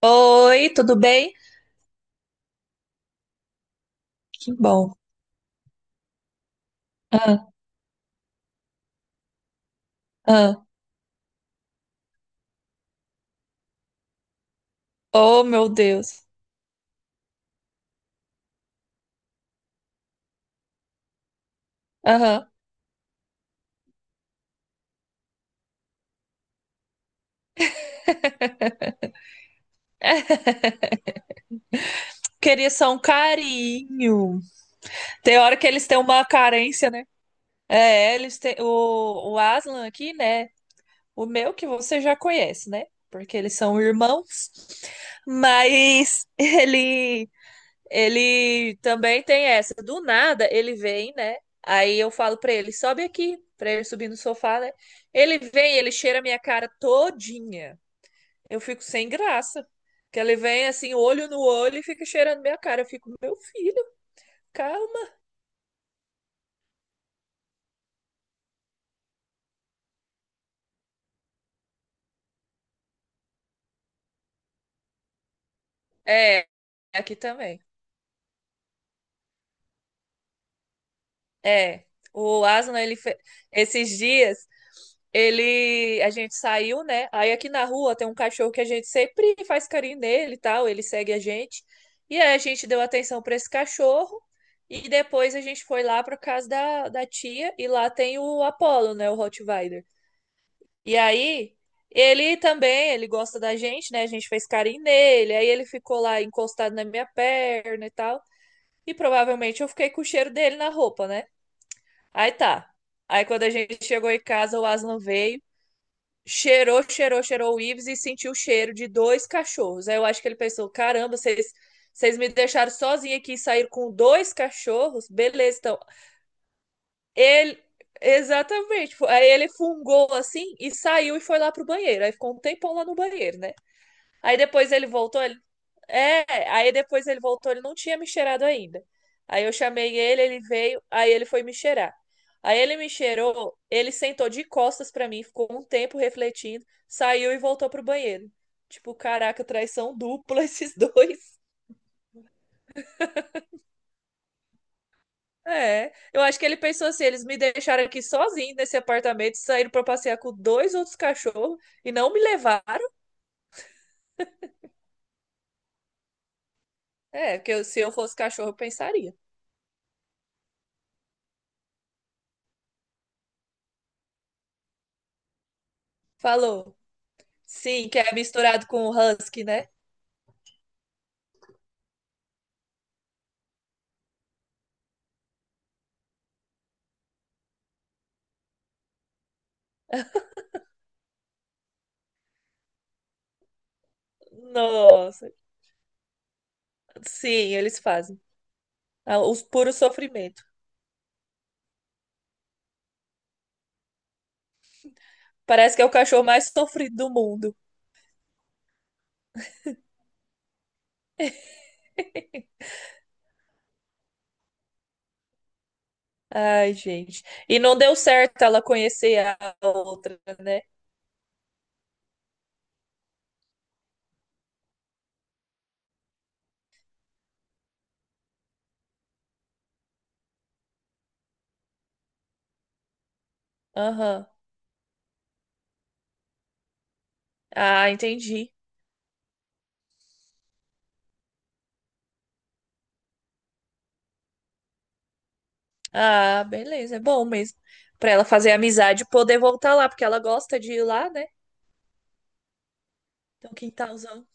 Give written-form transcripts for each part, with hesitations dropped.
Oi, tudo bem? Que bom. Ah, ah. Oh, meu Deus. Aham. Queria só um carinho. Tem hora que eles têm uma carência, né? É, eles têm o Aslan aqui, né? O meu que você já conhece, né? Porque eles são irmãos. Mas ele também tem essa. Do nada ele vem, né? Aí eu falo pra ele, sobe aqui, pra ele subir no sofá, né? Ele vem, ele cheira a minha cara todinha. Eu fico sem graça. Que ele vem assim, olho no olho e fica cheirando minha cara. Eu fico, meu filho, calma. É, aqui também. É. O Aslan, esses dias, ele a gente saiu, né? Aí aqui na rua tem um cachorro que a gente sempre faz carinho nele e tal, ele segue a gente. E aí a gente deu atenção para esse cachorro e depois a gente foi lá para casa da tia e lá tem o Apollo, né, o Rottweiler. E aí, ele também, ele gosta da gente, né? A gente fez carinho nele, aí ele ficou lá encostado na minha perna e tal. E provavelmente eu fiquei com o cheiro dele na roupa, né? Aí tá. Aí quando a gente chegou em casa, o Aslan veio, cheirou, cheirou, cheirou o Ives e sentiu o cheiro de dois cachorros. Aí eu acho que ele pensou: caramba, vocês. Vocês me deixaram sozinha aqui e saíram com dois cachorros? Beleza, então ele, exatamente. Tipo, aí ele fungou assim e saiu e foi lá pro banheiro. Aí ficou um tempão lá no banheiro, né? Aí depois ele voltou, ele, é, aí depois ele voltou, ele não tinha me cheirado ainda. Aí eu chamei ele, ele veio, aí ele foi me cheirar. Aí ele me cheirou, ele sentou de costas pra mim, ficou um tempo refletindo, saiu e voltou pro banheiro. Tipo, caraca, traição dupla esses dois. É, eu acho que ele pensou assim, eles me deixaram aqui sozinho nesse apartamento, saíram para passear com dois outros cachorros e não me levaram. É, porque se eu fosse cachorro, eu pensaria. Falou. Sim, que é misturado com o husky, né? Nossa. Sim, eles fazem. Ah, os puro sofrimento. Parece que é o cachorro mais sofrido do mundo. Ai, gente. E não deu certo ela conhecer a outra, né? Aham. Ah, entendi. Ah, beleza, é bom mesmo. Pra ela fazer amizade e poder voltar lá, porque ela gosta de ir lá, né? Então, quintalzão.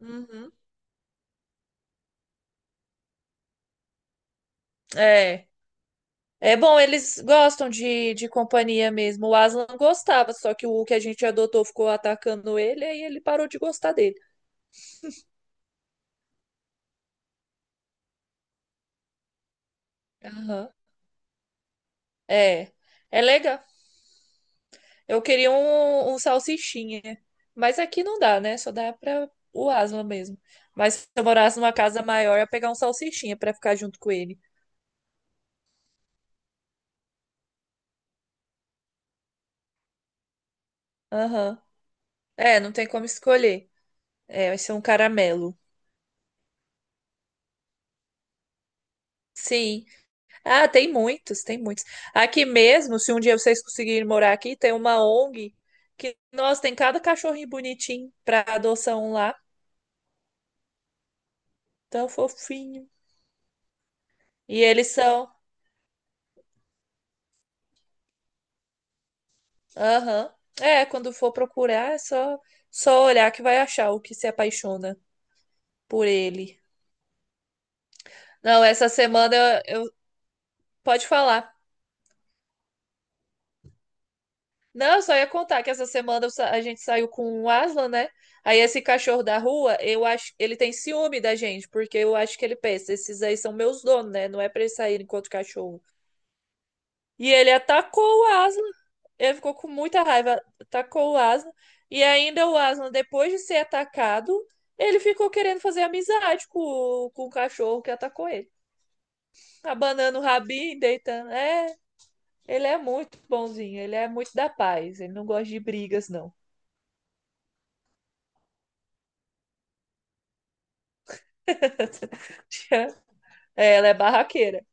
Uhum. É. É bom, eles gostam de companhia mesmo. O Aslan gostava, só que o que a gente adotou ficou atacando ele, aí ele parou de gostar dele. Aham. É. É legal. Eu queria um salsichinha, mas aqui não dá, né? Só dá pra o Aslan mesmo. Mas se eu morasse numa casa maior, eu ia pegar um salsichinha pra ficar junto com ele. Aham. É, não tem como escolher. É, vai ser um caramelo. Sim. Ah, tem muitos, tem muitos. Aqui mesmo, se um dia vocês conseguirem morar aqui, tem uma ONG que, nossa, tem cada cachorrinho bonitinho pra adoção lá. Tão fofinho. E eles são. Aham. É, quando for procurar, só olhar que vai achar o que se apaixona por ele. Não, essa semana eu, eu- pode falar. Não, eu só ia contar que essa semana a gente saiu com o Aslan, né? Aí esse cachorro da rua, eu acho, ele tem ciúme da gente, porque eu acho que ele pensa, esses aí são meus donos, né? Não é pra eles saírem enquanto cachorro. E ele atacou o Aslan. Ele ficou com muita raiva, atacou o Aslan. E ainda o Aslan, depois de ser atacado, ele ficou querendo fazer amizade com o cachorro que atacou ele. Abanando o rabinho, deitando. É, ele é muito bonzinho, ele é muito da paz, ele não gosta de brigas, não. É, ela é barraqueira.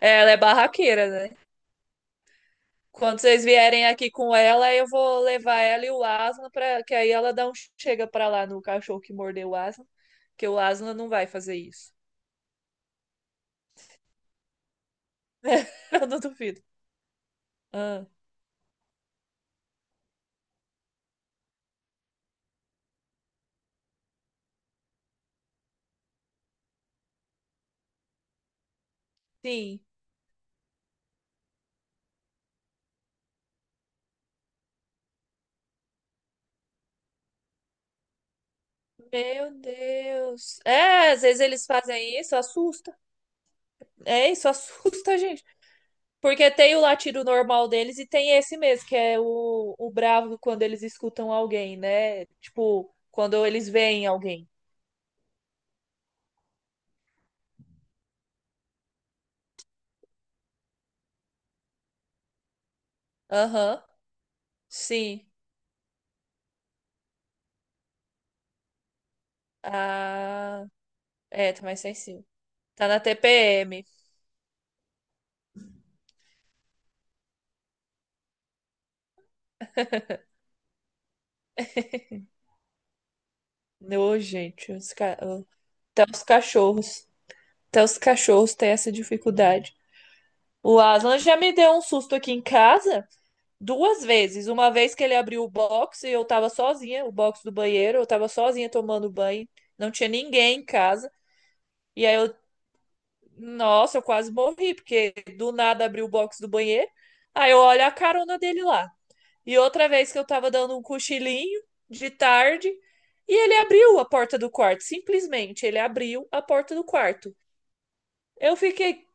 É, ela é barraqueira, né? Quando vocês vierem aqui com ela, eu vou levar ela e o Aslan para que aí ela dá um chega pra lá no cachorro que mordeu o Aslan, que o Aslan não vai fazer isso. Eu não duvido. Ah, sim. Meu Deus. É, às vezes eles fazem isso, assusta. É, isso assusta, gente. Porque tem o latido normal deles e tem esse mesmo, que é o bravo quando eles escutam alguém, né? Tipo, quando eles veem alguém. Aham. Sim. Ah, é, tá mais sensível. Tá na TPM. Ô, gente, até os cachorros. Até os cachorros têm essa dificuldade. O Aslan já me deu um susto aqui em casa duas vezes. Uma vez que ele abriu o box e eu tava sozinha, o box do banheiro, eu tava sozinha tomando banho, não tinha ninguém em casa. E aí eu, nossa, eu quase morri, porque do nada abriu o box do banheiro. Aí eu olho a carona dele lá. E outra vez que eu tava dando um cochilinho de tarde, e ele abriu a porta do quarto, simplesmente ele abriu a porta do quarto. Eu fiquei.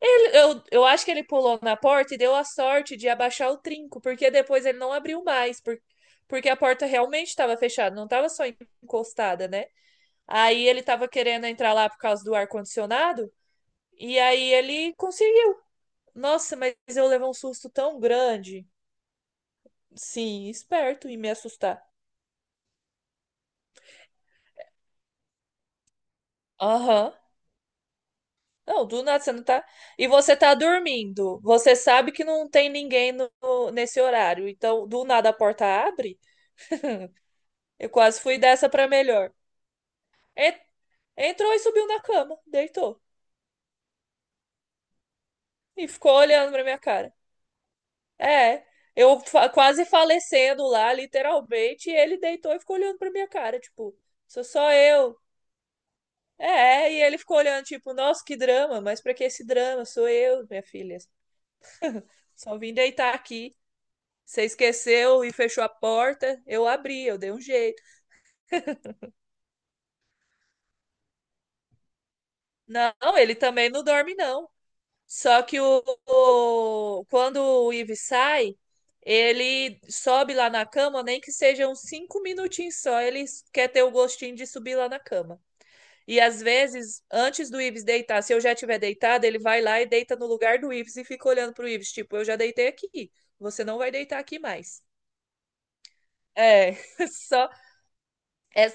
Eu acho que ele pulou na porta e deu a sorte de abaixar o trinco, porque depois ele não abriu mais, porque a porta realmente estava fechada, não estava só encostada, né? Aí ele estava querendo entrar lá por causa do ar-condicionado, e aí ele conseguiu. Nossa, mas eu levei um susto tão grande. Sim, esperto em me assustar. Aham. Não, do nada você não tá. E você tá dormindo. Você sabe que não tem ninguém nesse horário. Então, do nada a porta abre. Eu quase fui dessa pra melhor. En- Entrou e subiu na cama, deitou. E ficou olhando pra minha cara. É, eu quase falecendo lá, literalmente. E ele deitou e ficou olhando pra minha cara. Tipo, sou só eu. É, e ele ficou olhando, tipo, nossa, que drama. Mas pra que esse drama? Sou eu, minha filha. Só vim deitar aqui. Você esqueceu e fechou a porta. Eu abri, eu dei um jeito. Não, ele também não dorme, não. Só que quando o Ives sai, ele sobe lá na cama, nem que seja uns cinco minutinhos só. Ele quer ter o gostinho de subir lá na cama. E às vezes, antes do Ives deitar, se eu já tiver deitado, ele vai lá e deita no lugar do Ives e fica olhando pro Ives, tipo, eu já deitei aqui. Você não vai deitar aqui mais. É, só é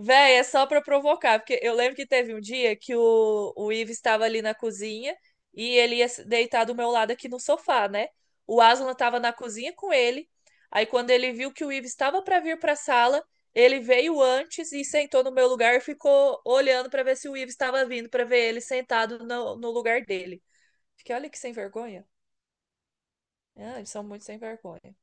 véi, é só pra provocar, porque eu lembro que teve um dia que o Ives estava ali na cozinha e ele ia se deitar do meu lado aqui no sofá, né? O Aslan tava na cozinha com ele. Aí quando ele viu que o Ives estava pra vir pra sala, ele veio antes e sentou no meu lugar e ficou olhando pra ver se o Ives estava vindo, pra ver ele sentado no lugar dele. Fiquei, olha que sem vergonha. Ah, eles são muito sem vergonha.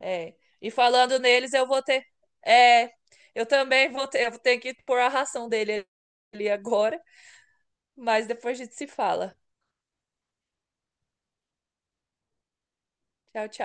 É. E falando neles, eu vou ter. É, eu também vou ter, eu vou ter que pôr a ração dele ali agora, mas depois a gente se fala. Tchau, tchau.